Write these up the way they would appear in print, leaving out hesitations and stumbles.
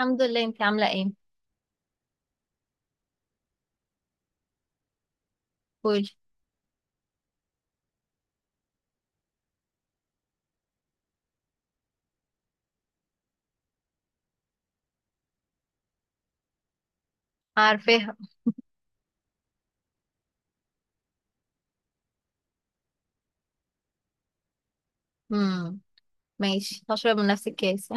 الحمد لله، انت عاملة ايه؟ قولي. عارفاها. امم ماشي، هشرب من نفس الكاس.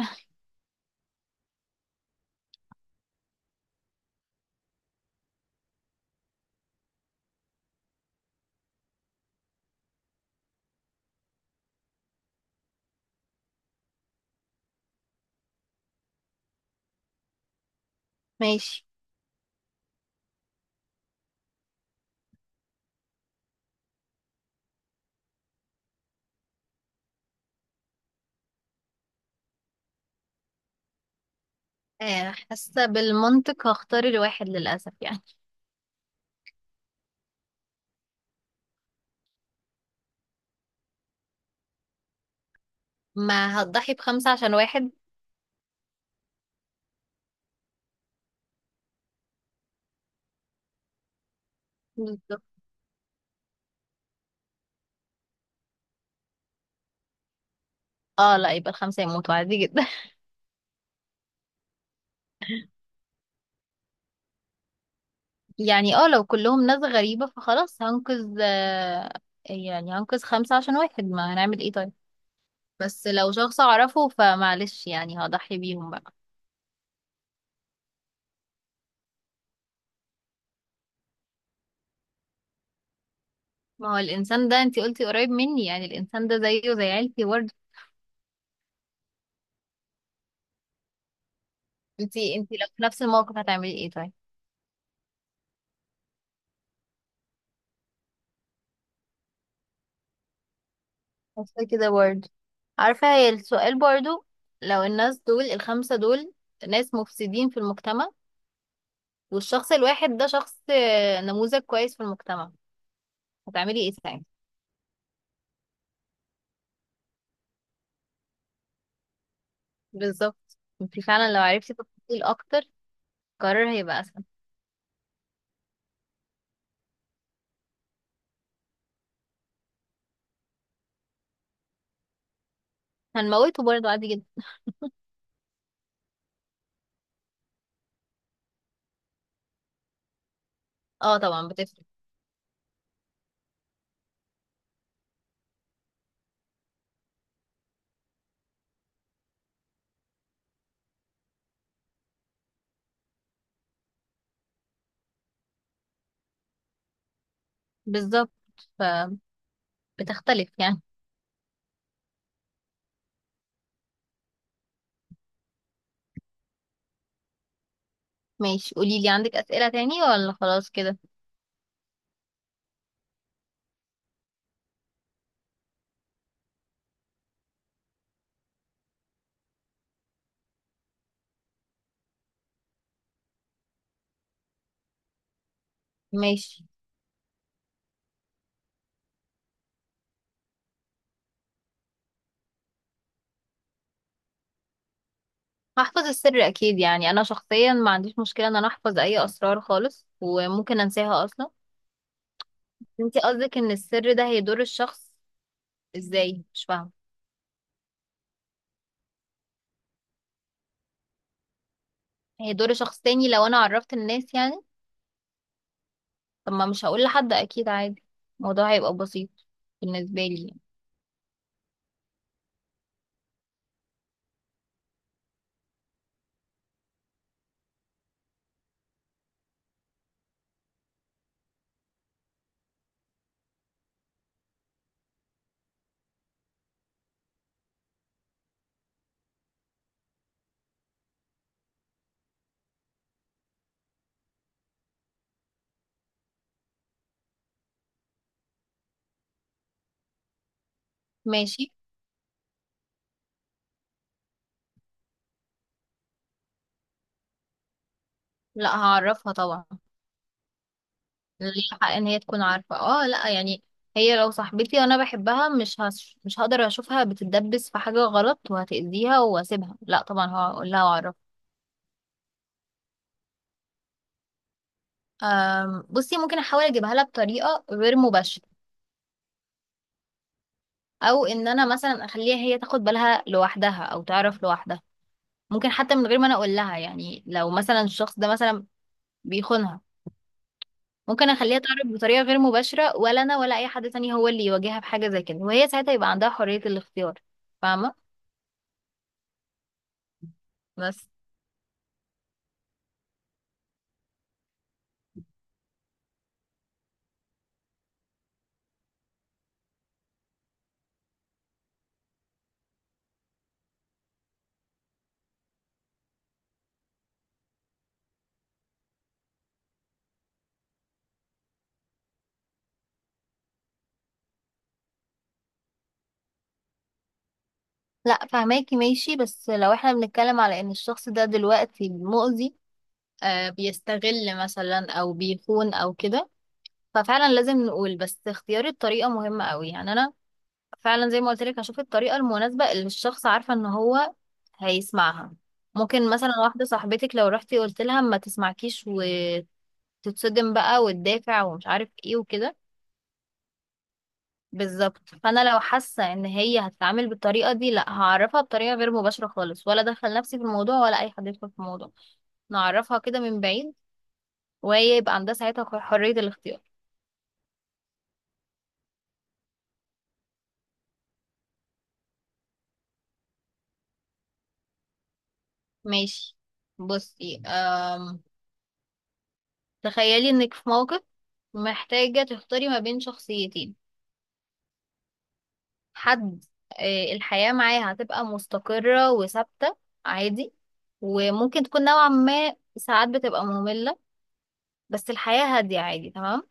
ماشي. آه، حاسة بالمنطق هختار الواحد للأسف يعني. ما هتضحي بخمسة عشان واحد. بالظبط. اه لا، يبقى الخمسة يموتوا عادي جدا. يعني اه لو كلهم ناس غريبة فخلاص هنقذ، يعني هنقذ خمسة عشان واحد، ما هنعمل ايه طيب. بس لو شخص اعرفه فمعلش يعني هضحي بيهم بقى. ما هو الانسان ده انتي قلتي قريب مني، يعني الانسان ده زيه زي عيلتي. انتي لو في نفس الموقف هتعملي ايه طيب؟ حاسه كده برضه. عارفه هي السؤال برضه، لو الناس دول الخمسه دول ناس مفسدين في المجتمع، والشخص الواحد ده شخص نموذج كويس في المجتمع، هتعملي ايه ساعتها؟ بالظبط، انتي فعلا لو عرفتي تفاصيل اكتر القرار هيبقى اسهل. هنموته برضه عادي جدا. اه طبعا بتفرق. بالظبط، فبتختلف يعني. ماشي، قوليلي عندك اسئله تاني ولا خلاص كده؟ ماشي. هحفظ السر اكيد، يعني انا شخصيا ما عنديش مشكله ان انا احفظ اي اسرار خالص، وممكن انساها اصلا. انتي قصدك ان السر ده هيضر الشخص؟ ازاي؟ مش فاهمه. هيضر شخص تاني لو انا عرفت الناس يعني. طب ما مش هقول لحد اكيد عادي، الموضوع هيبقى بسيط بالنسبه لي يعني. ماشي. لا، هعرفها طبعا. ليها حق ان هي تكون عارفه، اه لا يعني. هي لو صاحبتي وانا بحبها مش هقدر اشوفها بتتدبس في حاجه غلط وهتأذيها واسيبها، لا طبعا هقول لها واعرفها. بصي ممكن احاول اجيبها لها بطريقه غير مباشره، او ان انا مثلا اخليها هي تاخد بالها لوحدها او تعرف لوحدها. ممكن حتى من غير ما انا اقول لها يعني، لو مثلا الشخص ده مثلا بيخونها، ممكن اخليها تعرف بطريقه غير مباشره، ولا انا ولا اي حد تاني هو اللي يواجهها بحاجه زي كده، وهي ساعتها يبقى عندها حريه الاختيار. فاهمه؟ بس لا، فهماكي ماشي، بس لو احنا بنتكلم على ان الشخص ده دلوقتي مؤذي، بيستغل مثلا او بيخون او كده، ففعلا لازم نقول، بس اختيار الطريقة مهمة قوي يعني. انا فعلا زي ما قلت لك هشوف الطريقة المناسبة اللي الشخص عارفة ان هو هيسمعها. ممكن مثلا واحدة صاحبتك لو رحتي قلت لها ما تسمعكيش وتتصدم بقى وتدافع ومش عارف ايه وكده. بالظبط، فانا لو حاسة ان هي هتتعامل بالطريقة دي، لا هعرفها بطريقة غير مباشرة خالص ولا ادخل نفسي في الموضوع ولا اي حد يدخل في الموضوع. نعرفها كده من بعيد، وهي يبقى عندها ساعتها حرية الاختيار. ماشي. بصي تخيلي انك في موقف محتاجة تختاري ما بين شخصيتين. حد الحياة معاه هتبقى مستقرة وثابتة عادي، وممكن تكون نوعا ما ساعات بتبقى مملة، بس الحياة هادية عادي تمام.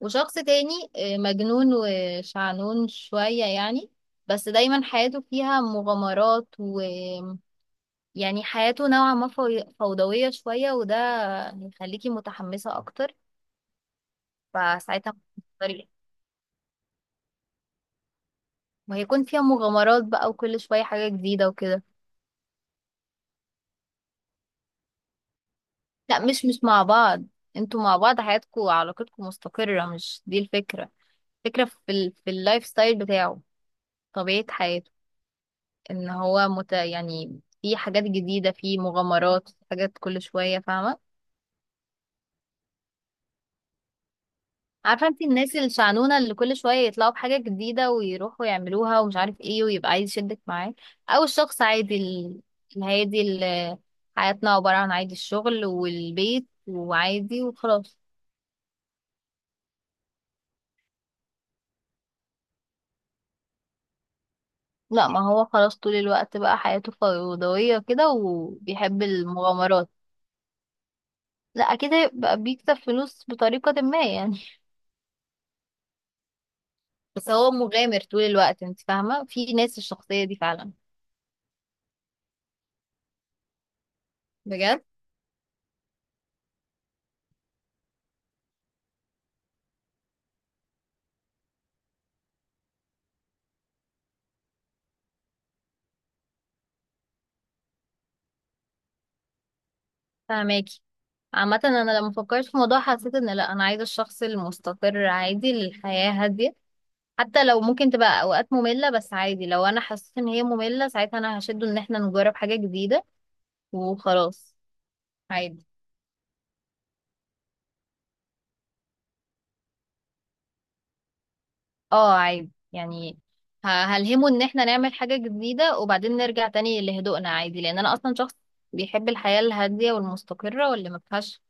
وشخص تاني مجنون وشعنون شوية يعني، بس دايما حياته فيها مغامرات ويعني حياته نوعا ما فوضوية شوية، وده هيخليكي متحمسة أكتر. فساعتها هتختاري، وهيكون فيها مغامرات بقى وكل شوية حاجة جديدة وكده. لا، مش مع بعض. انتوا مع بعض حياتكوا علاقتكوا مستقرة، مش دي الفكرة. الفكرة في اللايف ستايل بتاعه، طبيعة حياته، يعني في حاجات جديدة في مغامرات في حاجات كل شوية، فاهمة؟ عارفة انت الناس الشعنونة اللي كل شوية يطلعوا بحاجة جديدة ويروحوا يعملوها ومش عارف ايه ويبقى عايز يشدك معاه، او الشخص عادي الهادي اللي حياتنا عبارة عن عادي، الشغل والبيت وعادي وخلاص. لا ما هو خلاص طول الوقت بقى حياته فوضوية كده وبيحب المغامرات. لا أكيد هيبقى بيكسب فلوس بطريقة ما يعني، بس هو مغامر طول الوقت، انت فاهمة، في ناس الشخصية دي فعلا. بجد. فاهماكي. عامة أنا لما فكرت في الموضوع حسيت إن لأ، أنا عايزة الشخص المستقر عادي، للحياة هادية، حتى لو ممكن تبقى أوقات مملة، بس عادي لو أنا حسيت إن هي مملة ساعتها أنا هشده إن احنا نجرب حاجة جديدة وخلاص عادي. اه عادي يعني، هلهمه ان احنا نعمل حاجة جديدة وبعدين نرجع تاني لهدوءنا عادي، لان انا اصلا شخص بيحب الحياة الهادية والمستقرة واللي ما فيهاش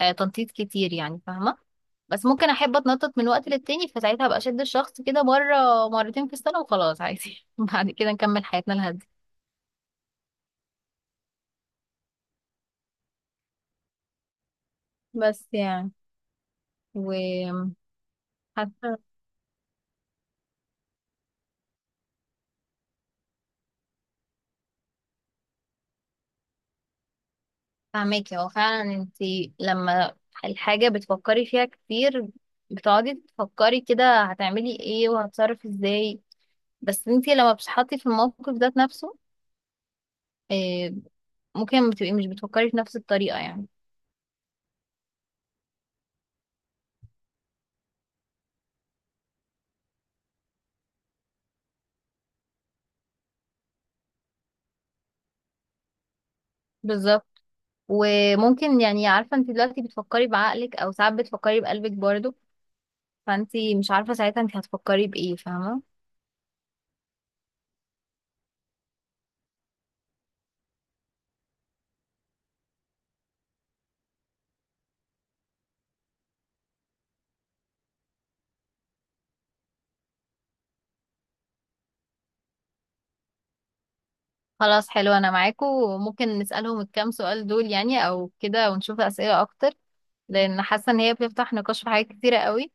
تنطيط كتير يعني، فاهمة؟ بس ممكن احب اتنطط من وقت للتاني، فساعتها ابقى اشد الشخص كده مرة مرتين في السنة وخلاص عادي. بعد كده نكمل حياتنا الهادية. بس يعني، وحاسة. فاهماكي، هو فعلا انتي لما الحاجة بتفكري فيها كتير، بتقعدي تفكري كده هتعملي ايه وهتصرف ازاي، بس انتي لما بتتحطي في الموقف ده نفسه، آه، ممكن ما بتبقي مش بتفكري في نفس الطريقة يعني. بالظبط، وممكن يعني عارفة انتي دلوقتي بتفكري بعقلك او ساعات بتفكري بقلبك برضه، فانتي مش عارفة ساعتها انتي هتفكري بإيه، فاهمة؟ خلاص حلو، انا معاكو، وممكن نسألهم الكام سؤال دول يعني او كده ونشوف أسئلة اكتر، لان حاسة ان هي بتفتح نقاش في حاجات كتيرة قوي.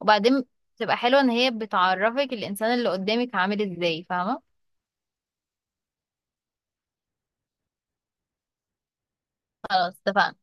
وبعدين بتبقى حلوة ان هي بتعرفك الانسان اللي قدامك عامل ازاي، فاهمة؟ خلاص اتفقنا.